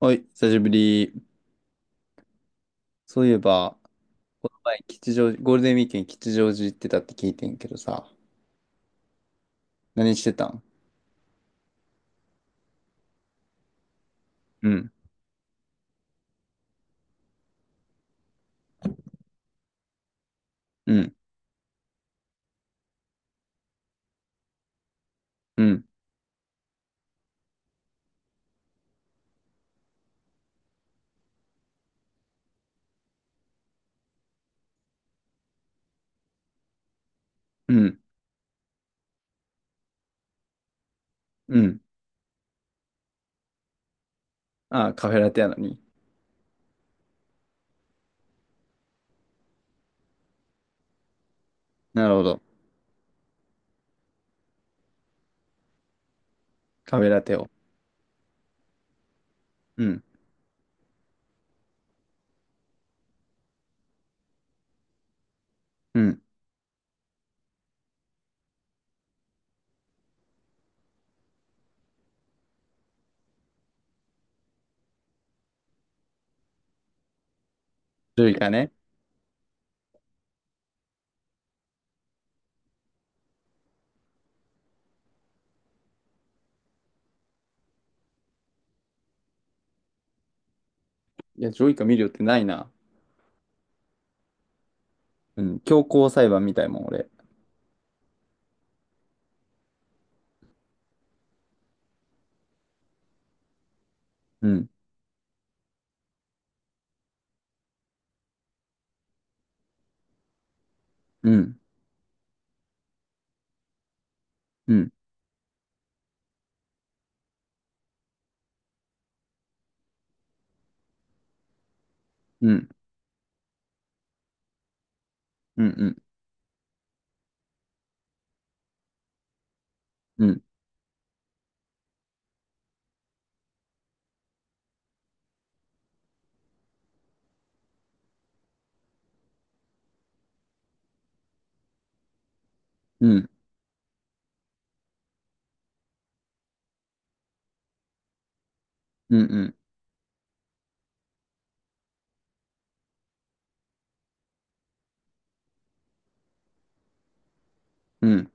はい、久しぶり。そういえば、この前、吉祥寺、ゴールデンウィークに吉祥寺行ってたって聞いてんけどさ、何してたん？うん、うん、うん、うん、うん。ああ、カフェラテやのに。なるほど。カフェラテを。うん、うん。ジョイカね。いや、ジョイカ見るよってないな。うん、強行裁判みたいもん、俺。うん、うん、うん、うん、うん、うん、うん、うん、うん、うん。うん。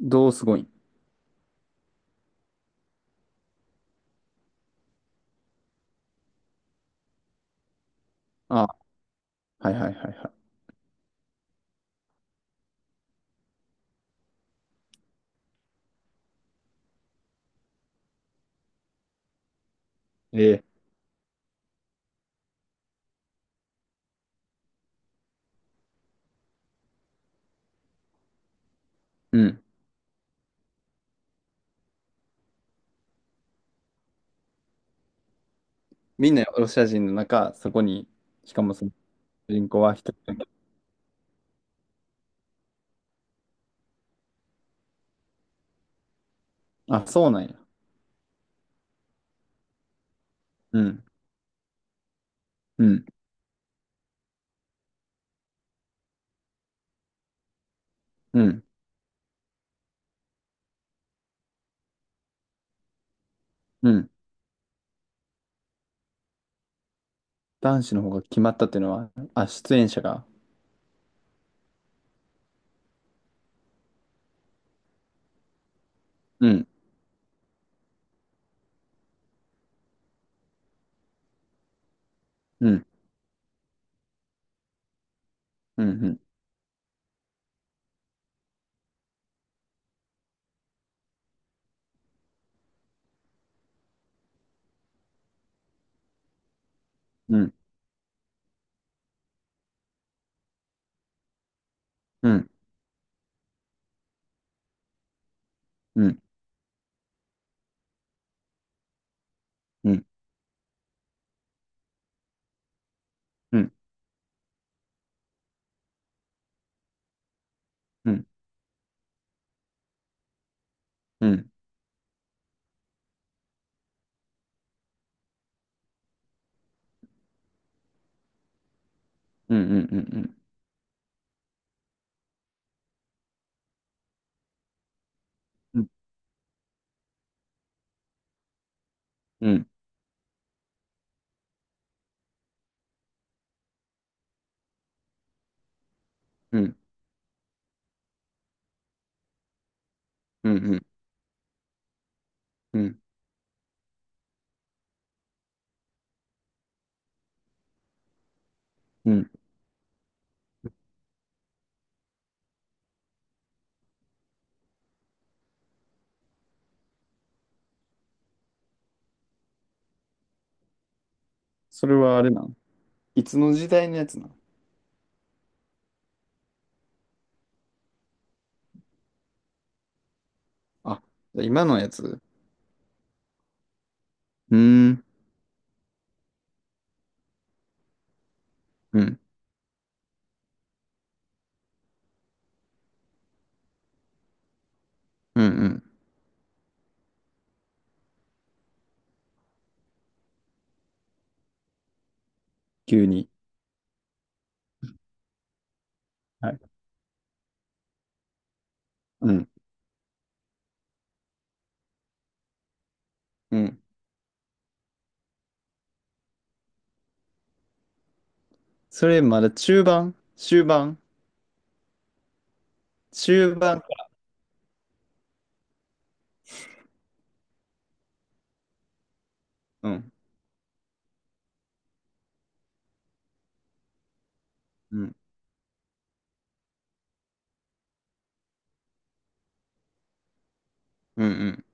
どうすごいん？ああ、はいはいはいはい。ええ。うん。みんなロシア人の中、そこに、しかもその主人口は一人だけ。あ、そうなんや。うん、うん、うん、うん。男子の方が決まったっていうのは、あ、出演者が。うん、うん、うん、うん、うん、うん、うん、うん、うん、うん、うん、うん、うん、うん、うん、うん、うん、うん、うん、うん。それはあれなん？いつの時代のやつなん？あ、じゃあ今のやつ？うーん、うん、うん、うん。急に。はい。うん、うん。それまだ中盤？終盤？終盤か。うん、うん、うん、うん、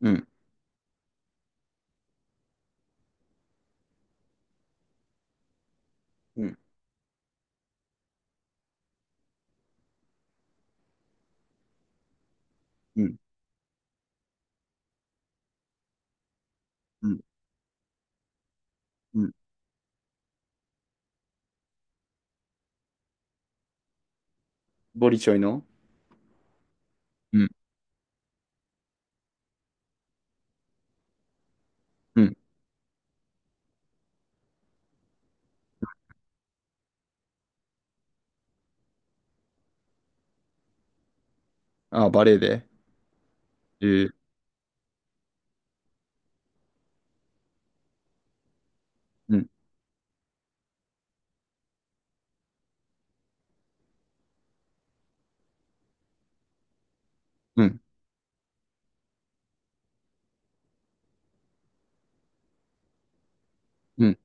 うん、うん、うん。うん、うん。ボリチョイの？うん、うん。ああ、バレエで。えー、うん、うん、うん。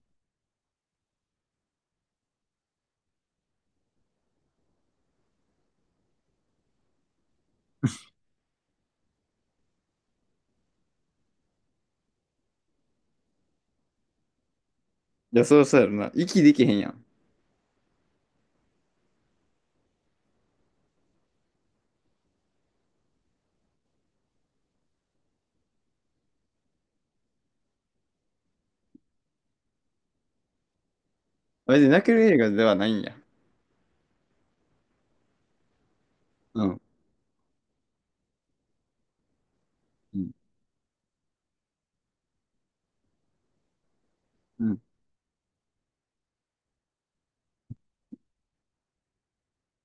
いや、そうそうやろな。息できへんやん。あれで泣ける映画ではないんや？うん、うん、うん。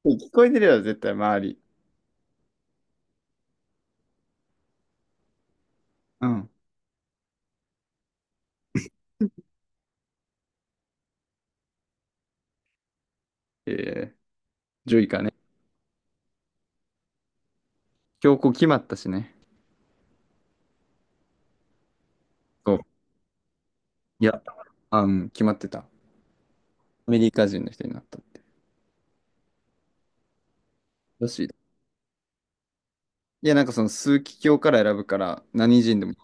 聞こえてるやろ、絶対、周り。うん。えー、ジョイかね。今日こう決まったしね。こう。いや、あ、うん、決まってた。アメリカ人の人になった。らしい。いや、なんかその枢機卿から選ぶから、何人でも。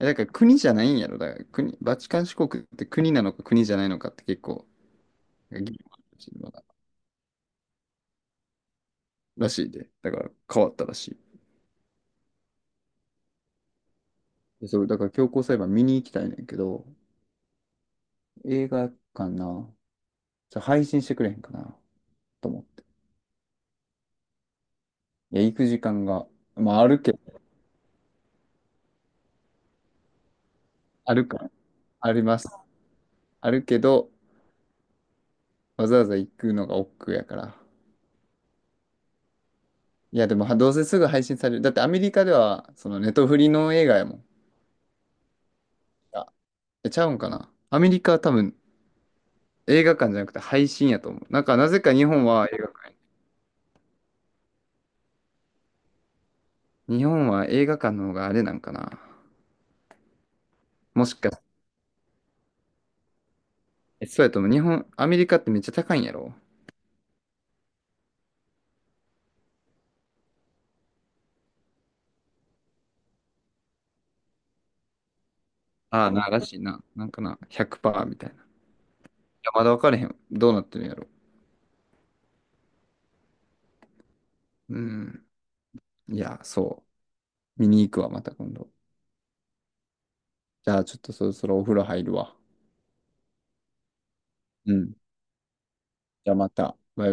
え、だから国じゃないんやろ。だから国、バチカン市国って国なのか国じゃないのかって結構、なんか議論あるらしい、らしいで。だから変わったらしい。でそれだから強行裁判見に行きたいねんけど、映画館な、じゃ配信してくれへんかなと思って。いや、行く時間が、まああるけど、あるから、あります。あるけど、わざわざ行くのが億劫やから。いや、でもはどうせすぐ配信される。だってアメリカでは、そのネトフリの映画やもん。あ、えちゃうんかな。アメリカは多分映画館じゃなくて配信やと思う。なんかなぜか日本は映画館。日本は映画館の方があれなんかな。もしか、えそうやと思う。日本、アメリカってめっちゃ高いんやろ？ああ、な、らしいな。なんかな、100%みたいな。いや、まだ分からへん。どうなってるんやろ。うん。いや、そう。見に行くわ、また今度。じゃあ、ちょっとそろそろお風呂入るわ。うん。じゃあ、また。バイバイ。